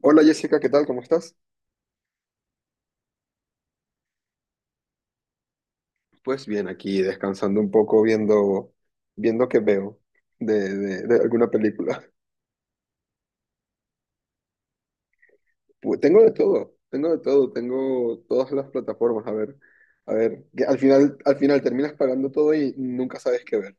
Hola Jessica, ¿qué tal? ¿Cómo estás? Pues bien, aquí descansando un poco, viendo qué veo de alguna película. Pues tengo de todo, tengo de todo, tengo todas las plataformas. A ver, que al final terminas pagando todo y nunca sabes qué ver.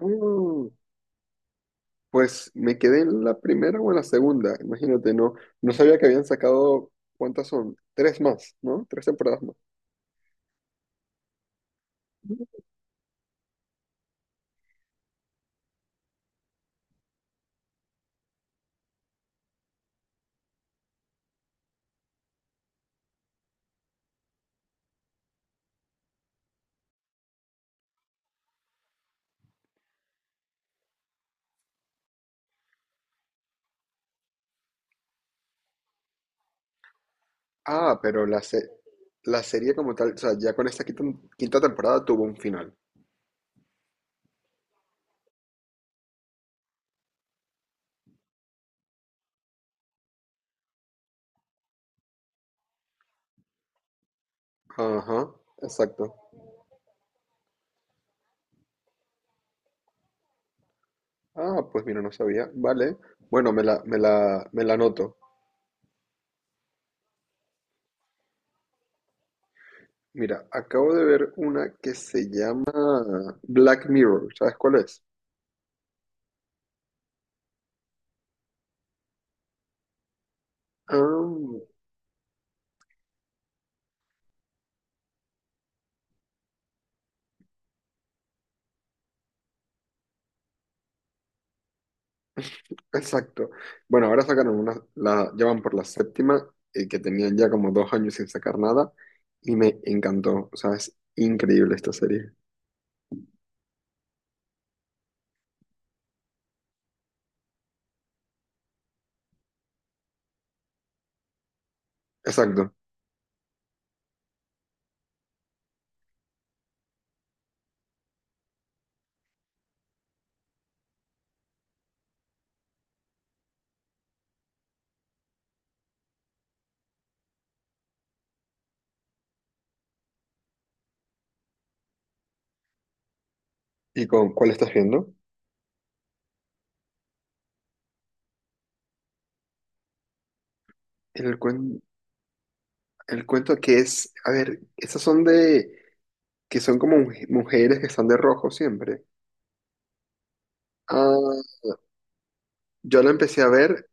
Mm, pues me quedé en la primera o en la segunda, imagínate, no sabía que habían sacado, ¿cuántas son? Tres más, ¿no? Tres temporadas más. Ah, pero la serie como tal, o sea, ya con esta quinta temporada tuvo un final. Ajá, exacto. Ah, pues mira, no sabía. Vale. Bueno, me la anoto. Mira, acabo de ver una que se llama Black Mirror. ¿Sabes cuál es? Ah, exacto. Bueno, ahora sacaron una, la, ya van por la séptima, que tenían ya como 2 años sin sacar nada, y me encantó. O sea, es increíble esta serie. Exacto. ¿Y con cuál estás viendo? El, cuen- el cuento que es, a ver, esas son que son como mujeres que están de rojo siempre. Ah, yo la empecé a ver,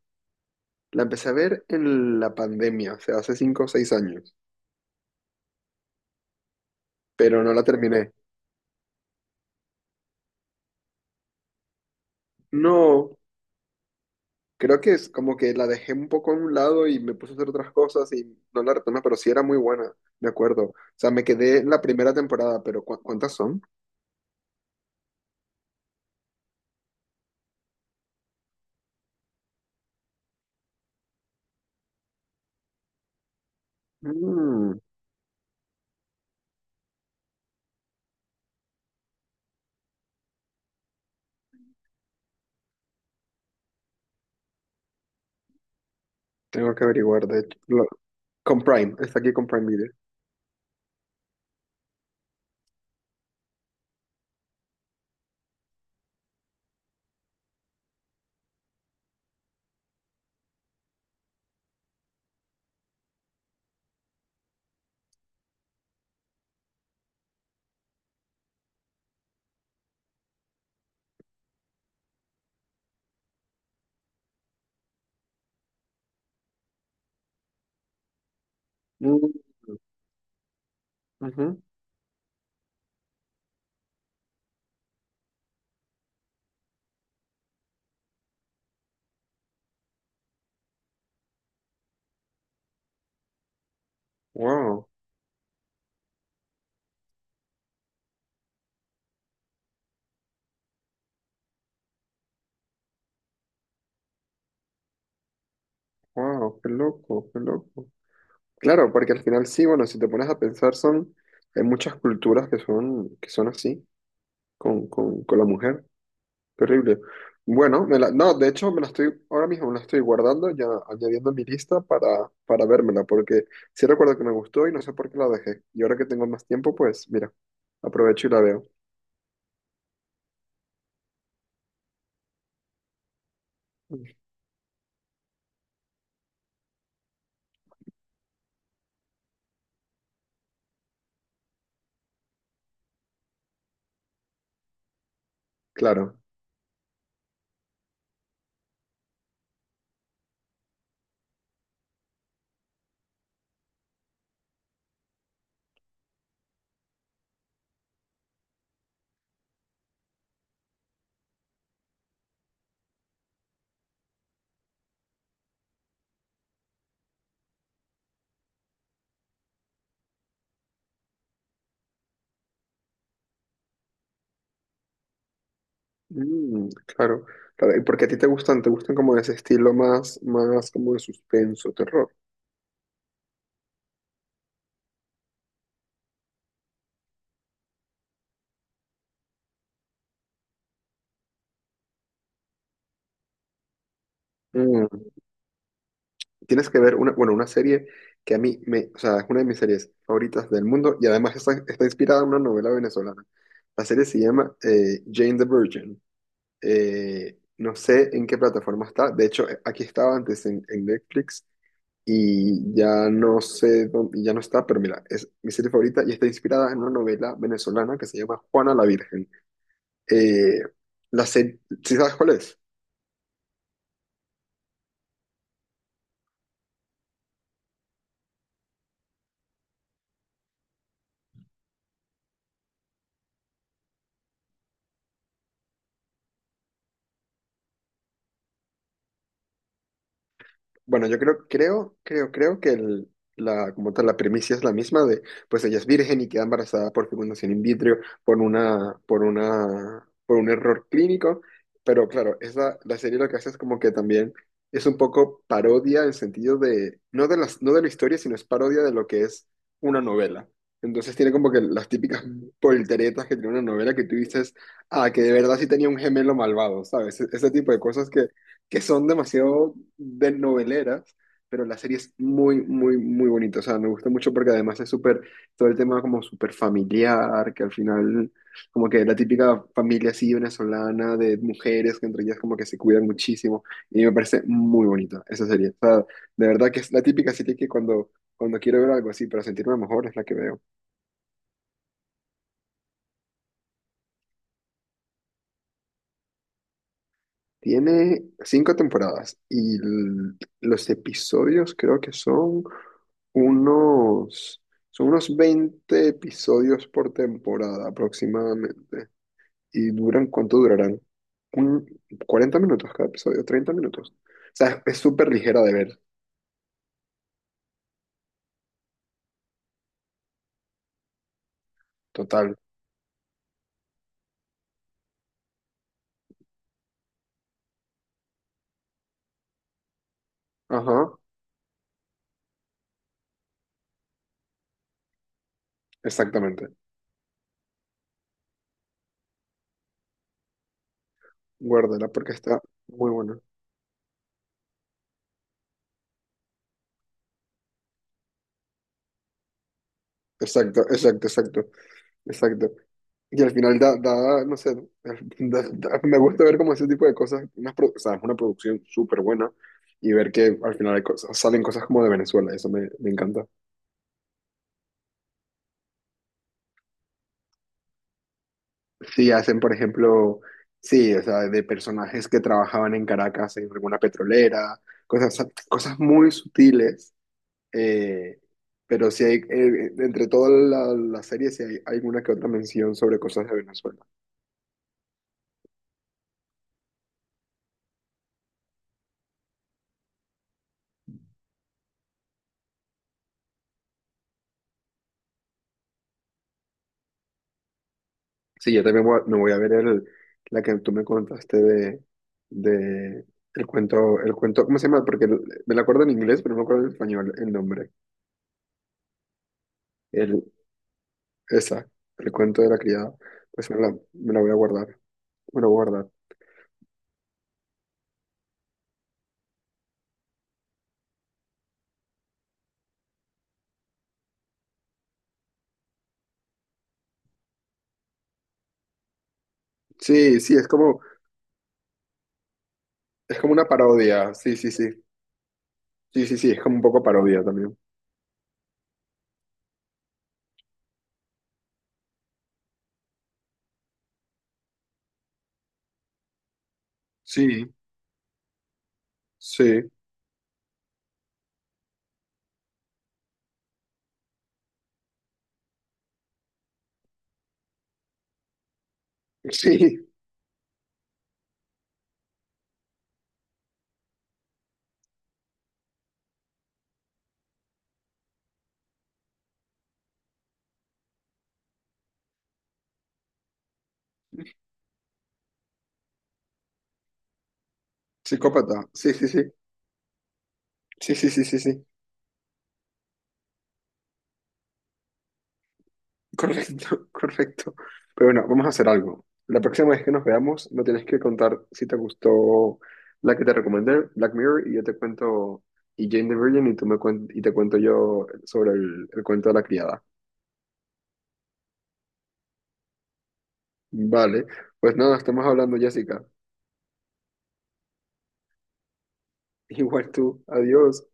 la empecé a ver en la pandemia, o sea, hace 5 o 6 años, pero no la terminé. No, creo que es como que la dejé un poco a un lado y me puse a hacer otras cosas y no la retomé, pero sí era muy buena, me acuerdo. O sea, me quedé en la primera temporada, pero ¿cuántas son? Mm, Tengo que averiguar, de hecho. Con Prime, está aquí con Prime Video. Mm, ujú. Wow, wow, qué loco, qué loco. Claro, porque al final sí, bueno, si te pones a pensar, hay muchas culturas que son, así, con la mujer. Terrible. Bueno, no, de hecho ahora mismo me la estoy guardando, ya añadiendo a mi lista para vérmela, porque sí recuerdo que me gustó y no sé por qué la dejé. Y ahora que tengo más tiempo, pues mira, aprovecho y la veo. Claro. Mm, claro, claro. ¿Y porque a ti te gustan? ¿Te gustan como de ese estilo más como de suspenso, terror? Mm. Tienes que ver bueno, una serie que o sea, es una de mis series favoritas del mundo y además está inspirada en una novela venezolana. La serie se llama Jane the Virgin. No sé en qué plataforma está. De hecho, aquí estaba antes en Netflix y ya no sé dónde, ya no está, pero mira, es mi serie favorita y está inspirada en una novela venezolana que se llama Juana la Virgen. Eh, la serie, ¿sí sabes cuál es? Bueno, yo creo que como tal, la premisa es la misma de, pues ella es virgen y queda embarazada por fecundación in vitro por un error clínico, pero claro, la serie lo que hace es como que también es un poco parodia en sentido de, no de las, no de la historia, sino es parodia de lo que es una novela. Entonces tiene como que las típicas polteretas que tiene una novela que tú dices, ah, que de verdad sí tenía un gemelo malvado, ¿sabes? Ese tipo de cosas que son demasiado de noveleras, pero la serie es muy, muy, muy bonita. O sea, me gusta mucho porque además es súper, todo el tema como súper familiar, que al final, como que la típica familia así venezolana de mujeres, que entre ellas como que se cuidan muchísimo. Y me parece muy bonita esa serie. O sea, de verdad que es la típica serie que cuando quiero ver algo así para sentirme mejor es la que veo. Tiene cinco temporadas y los episodios creo que son unos, son unos 20 episodios por temporada aproximadamente. ¿Y duran cuánto durarán? Un, 40 minutos cada episodio, 30 minutos. O sea, es súper ligera de ver, total. Ajá, exactamente. Guárdala porque está muy buena. Exacto, exacto, exacto, exacto. Y al final no sé, me gusta ver como ese tipo de cosas, o sea, es una producción súper buena y ver que al final salen cosas como de Venezuela, eso me encanta. Sí, hacen, por ejemplo, sí, o sea, de personajes que trabajaban en Caracas en alguna petrolera, cosas, cosas muy sutiles, eh, pero sí entre toda la serie sí hay alguna que otra mención sobre cosas de Venezuela. Sí, yo también me voy a ver la que tú me contaste de, el cuento, ¿cómo se llama? Porque me la acuerdo en inglés, pero no me acuerdo en español el nombre. El, esa, el cuento de la criada. Pues me la voy a guardar. Me la voy a guardar. Sí, sí, es como una parodia. Sí, sí, sí. Sí, sí, sí, es como un poco parodia también. Sí, sí. Sí, psicópata. Sí, sí, sí. Sí, sí, sí, sí, sí. Correcto, correcto. Pero bueno, vamos a hacer algo. La próxima vez que nos veamos, me tienes que contar si te gustó la que te recomendé, Black Mirror, y yo te cuento, y Jane the Virgin, y y te cuento yo sobre el cuento de la criada. Vale, pues nada, estamos hablando, Jessica. Igual tú, adiós.